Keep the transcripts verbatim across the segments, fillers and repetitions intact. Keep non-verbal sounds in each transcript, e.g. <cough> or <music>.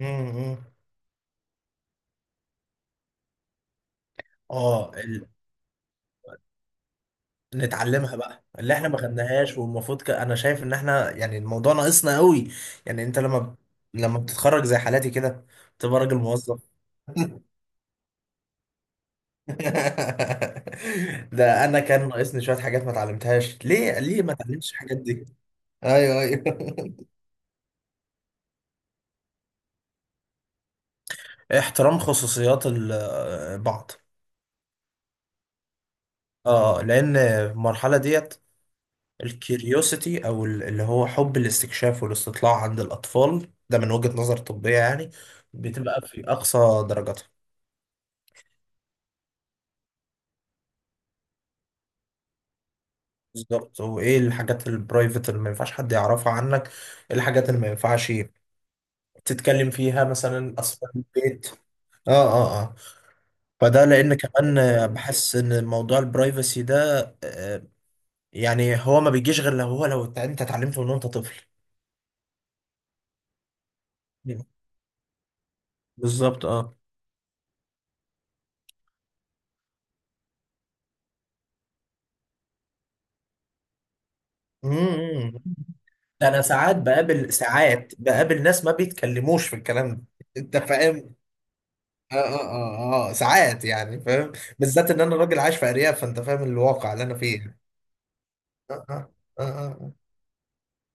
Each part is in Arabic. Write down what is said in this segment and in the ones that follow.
امم اه ال... نتعلمها بقى اللي احنا ما خدناهاش والمفروض ك... انا شايف ان احنا يعني الموضوع ناقصنا قوي. يعني انت لما ب- لما بتتخرج زي حالاتي كده بتبقى راجل موظف. <laughs> ده انا كان ناقصني شويه حاجات ما اتعلمتهاش. ليه ليه ما اتعلمتش الحاجات دي؟ ايوه، ايوه. <laughs> احترام خصوصيات ال- آه، بعض. اه، لان المرحله ديت الكيوريوسيتي او ال- اللي هو حب الاستكشاف والاستطلاع عند الاطفال ده من وجهة نظر طبية يعني بتبقى في اقصى درجاتها. بالظبط. وايه الحاجات البرايفت اللي ما ينفعش حد يعرفها عنك، ايه الحاجات اللي ما ينفعش تتكلم فيها؟ مثلا اسرار البيت. اه، اه، اه، فده لان كمان آه، بحس ان موضوع البرايفسي ده آه، يعني هو ما بيجيش غير لو هو لو انت اتعلمته من وانت طفل. بالظبط، اه. مم. ده انا ساعات بقابل ساعات بقابل ناس ما بيتكلموش في الكلام ده. انت فاهم. اه، اه، اه، اه، آه، ساعات يعني فاهم. بالذات ان انا راجل عايش في ارياف، فانت فاهم الواقع اللي انا فيه. آه، آه، آه، آه. آه.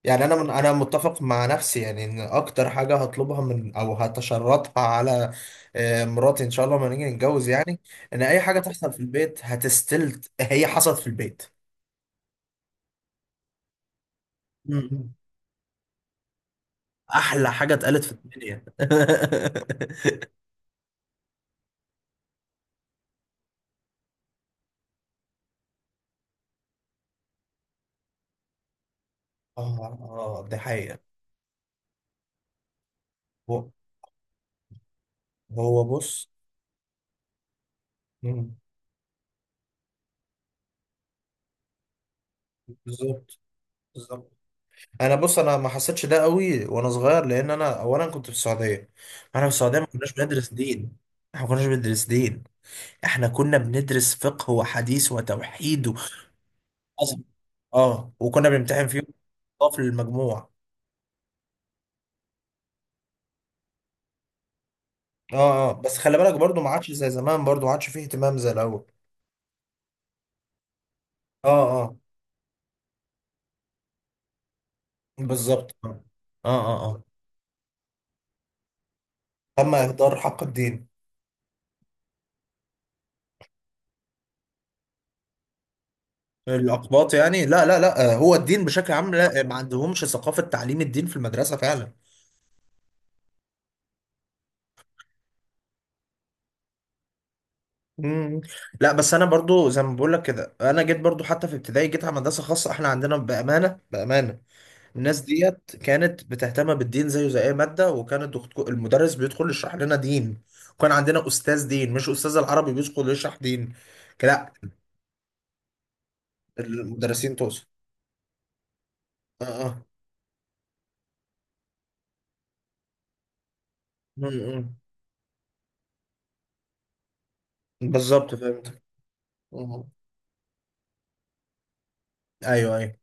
يعني انا من انا متفق مع نفسي يعني ان اكتر حاجه هطلبها من او هتشرطها على آه، مراتي ان شاء الله لما نيجي نتجوز يعني. ان اي حاجه تحصل في البيت هتستلت، هي حصلت في البيت. م- م. احلى حاجه اتقالت في الدنيا. <laughs> اه، اه، دي حقيقة. هو هو بص. مم. بالظبط، بالظبط. انا بص، انا ما حسيتش ده قوي وانا صغير، لان انا اولا كنت في السعوديه. احنا في السعوديه ما كناش بندرس دين. احنا ما كناش بندرس دين. احنا كنا بندرس فقه وحديث وتوحيد و... أصل- اه، وكنا بنمتحن فيه في المجموع. اه، اه، بس خلي بالك برضو ما عادش زي زمان، برضو ما عادش فيه اهتمام زي الاول. اه، اه، بالظبط. اه، اه، اه. آه. تم اهدار حق الدين. الأقباط يعني، لا لا لا آه، هو الدين بشكل عام، لا آه، ما عندهمش ثقافة تعليم الدين في المدرسة فعلا. مم. لا، بس أنا برضو زي ما بقول لك كده، أنا جيت برضو حتى في ابتدائي، جيت على مدرسة خاصة. إحنا عندنا بأمانة، بأمانة، الناس ديت كانت بتهتم بالدين زيه زي أي مادة، وكان الدكتور المدرس بيدخل يشرح لنا دين. وكان عندنا أستاذ دين مش أستاذ العربي بيدخل يشرح دين. لا، المدرسين تقصد. اه، اه. مم، مم. بالظبط، فهمت. مم. ايوه، ايوه.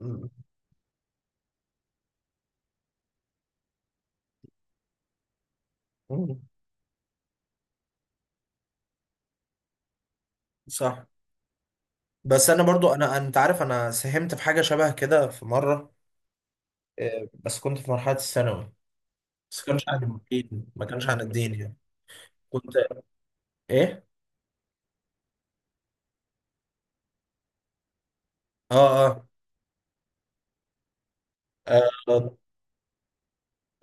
مم. مم. صح. بس انا برضو، انا، انت عارف، انا ساهمت في حاجه شبه كده في مره. آه، بس كنت في مرحله الثانوي. بس كانش عن الدين، ما كانش عن الدين يعني. كنت ايه. اه اه, آه,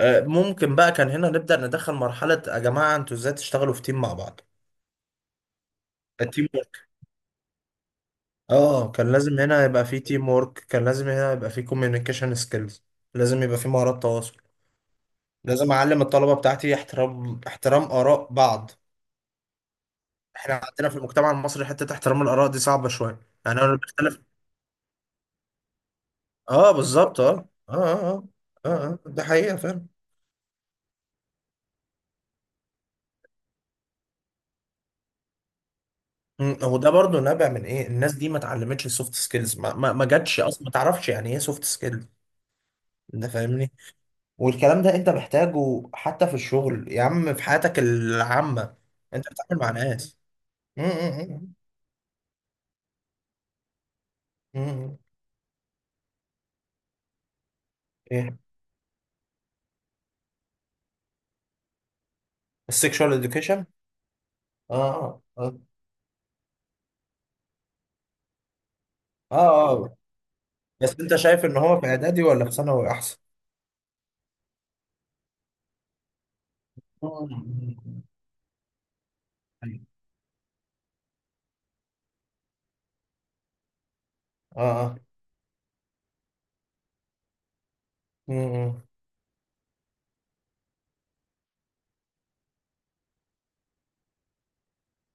آه ممكن بقى كان هنا نبدا ندخل مرحله. يا جماعه، انتوا ازاي تشتغلوا في تيم مع بعض؟ التيم ورك. اه، كان لازم هنا يبقى في تيم ورك، كان لازم هنا يبقى في كوميونيكيشن سكيلز. لازم يبقى في مهارات تواصل. لازم اعلم الطلبه بتاعتي احترام احترام اراء بعض. احنا عندنا في المجتمع المصري حتة احترام الآراء دي صعبة شوية، يعني انا بختلف. اه، بالظبط. اه، اه، اه، اه، اه. آه. ده حقيقة فعلا. مم. هو ده برضو نابع من ايه؟ الناس دي ما اتعلمتش السوفت سكيلز، ما ما, ما جاتش اصلا، ما تعرفش يعني ايه سوفت سكيلز. انت فاهمني. والكلام ده انت محتاجه حتى في الشغل يا عم، في حياتك العامة. انت بتتعامل مع ناس. مم، مم، مم، مم. ايه، السكشوال اديوكيشن. اه، اه، اه، اه. آه. بس انت شايف ان هو في اعدادي ولا في ثانوي؟ احسن. أيوة. اه، اه. مم،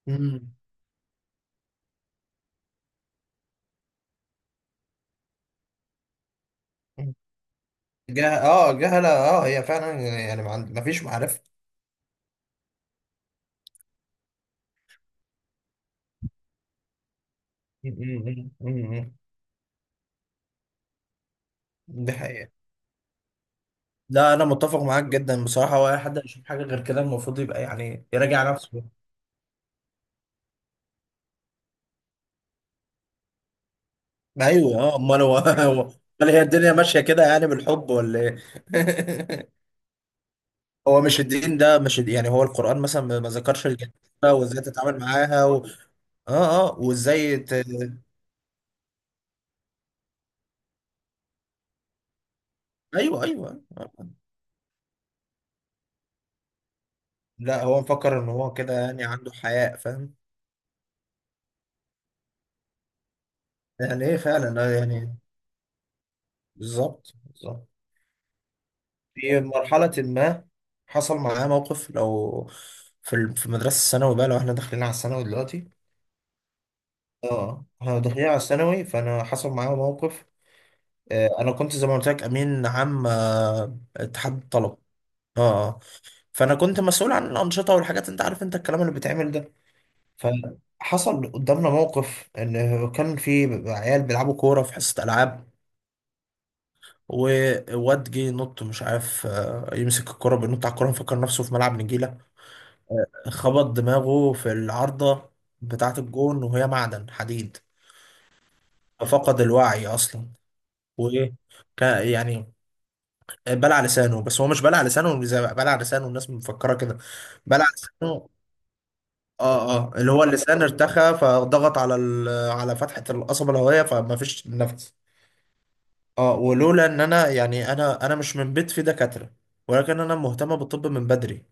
مم، مم. جه... اه جهلة. اه، هي فعلا يعني، ما عند... ما فيش معرفة. مم، مم، مم، مم. دي حقيقة. لا، انا متفق معاك جدا بصراحة. هو اي حد يشوف حاجة غير كده المفروض يبقى يعني يراجع نفسه. ايوه، اه، امال هو <laughs> هو- امال هي الدنيا ماشية كده يعني بالحب ولا ايه؟ <laughs> هو مش الدين ده مش الد- يعني هو القرآن مثلا ما ما ذكرش الجنة وازاي تتعامل معاها و... اه، اه، وازاي ت... ايوه، ايوه. لا، هو مفكر ان هو كده يعني عنده حياء، فاهم. يعني ايه فعلا آه، يعني. بالظبط، بالظبط. في مرحلة ما، حصل معاه موقف. لو في ال- في المدرسة الثانوي بقى، لو احنا داخلين على الثانوي دلوقتي. اه، احنا داخلين على الثانوي، فانا حصل معايا موقف. آه، انا كنت زي ما قلت لك امين عام آه، اتحاد الطلبة. اه. آه. فانا كنت مسؤول عن الانشطه والحاجات، انت عارف انت الكلام اللي بيتعمل ده. فحصل قدامنا موقف، ان كان في عيال بيلعبوا كوره في حصه العاب. وواد جه ينط، مش عارف آه، يمسك الكرة، بينط على الكرة مفكر نفسه في ملعب نجيلة. خبط دماغه في العارضة بتاعة الجون، وهي معدن حديد. ففقد الوعي أصلا. وإيه، كان- يعني بلع لسانه. بس هو مش بلع لسانه زي ما بلع لسانه الناس مفكرة كده. بلع لسانه. اه، اه، اللي هو اللسان ارتخى، فضغط على ال- على فتحة القصبة الهوائية، فما فيش نفس. اه، ولولا ان انا يعني، انا انا مش من بيت فيه دكاترة، ولكن انا مهتمة بالطب من بدري.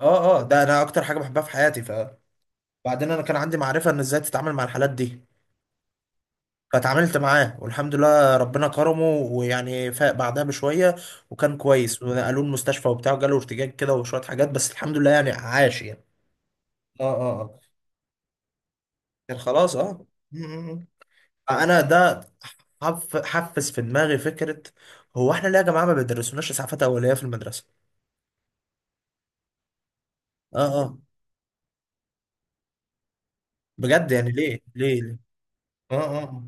اه، اه، ده انا اكتر حاجه بحبها في حياتي. فبعدين انا كان عندي معرفه ان ازاي تتعامل مع الحالات دي. فاتعاملت معاه، والحمد لله ربنا كرمه، ويعني فاق بعدها بشويه. وكان كويس ونقلوه المستشفى وبتاع، وجاله ارتجاج كده وشويه حاجات، بس الحمد لله يعني عاش يعني. اه، اه، اه، كان خلاص، اه. م- م- م. انا ده حف- حفز في دماغي فكره. هو احنا ليه يا جماعه ما بيدرسوناش اسعافات اوليه في المدرسه؟ اه، اه، بجد يعني، ليه ليه ليه؟ اه، اه. آه.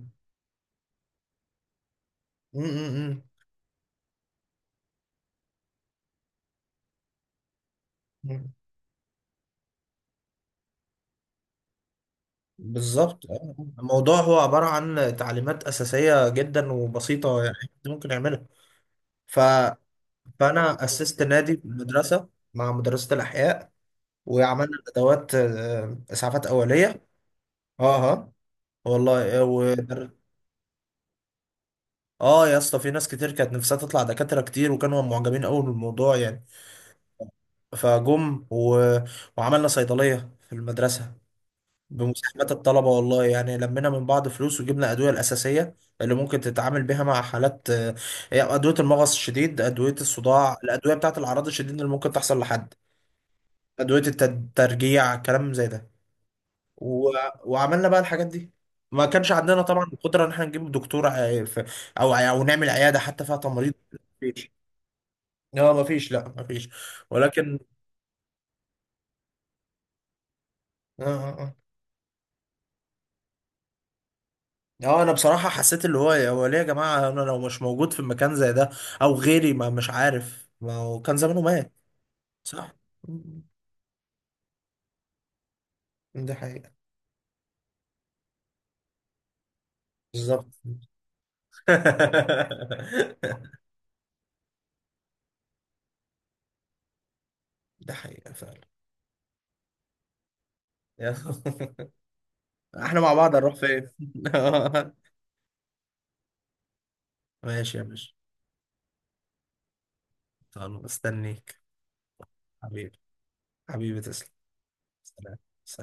م- م- م. بالظبط. آه. الموضوع هو عبارة عن تعليمات أساسية جدا وبسيطة يعني، أنت ممكن يعملها. ف... فأنا أسست نادي في المدرسة مع مدرسة الأحياء. وعملنا أدوات آه، إسعافات أولية. أه. آه. والله آه، و... اه يا اسطى، في ناس كتير كانت نفسها تطلع دكاترة كتير، وكانوا معجبين قوي بالموضوع يعني. فجم و... وعملنا صيدلية في المدرسة. بمساهمة الطلبة، والله يعني لمينا من بعض فلوس وجبنا الأدوية الأساسية اللي ممكن تتعامل بيها مع حالات آه، أدوية المغص الشديد، أدوية الصداع، الأدوية بتاعة الأعراض الشديدة اللي ممكن تحصل لحد، أدوية الترجيع كلام زي ده و... وعملنا بقى الحاجات دي. ما كانش عندنا طبعا القدرة إن احنا نجيب دكتور آه، ف- أو أو نعمل عيادة حتى فيها تمريض. مفيش، لا مفيش، لا مفيش. ولكن. آه، آه، آه. اه، انا بصراحة حسيت اللي هو هو ليه يا جماعة. انا لو مش موجود في مكان زي ده او غيري، ما مش عارف، ما هو كان زمانه مات. صح. م- ده حقيقة. بالظبط. <laughs> ده حقيقة فعلا. <laughs> احنا مع بعض هنروح فين؟ <laughs> ماشي يا باشا. خلاص، مستنيك. حبيبي، حبيبي تسلم. سلام. سلام.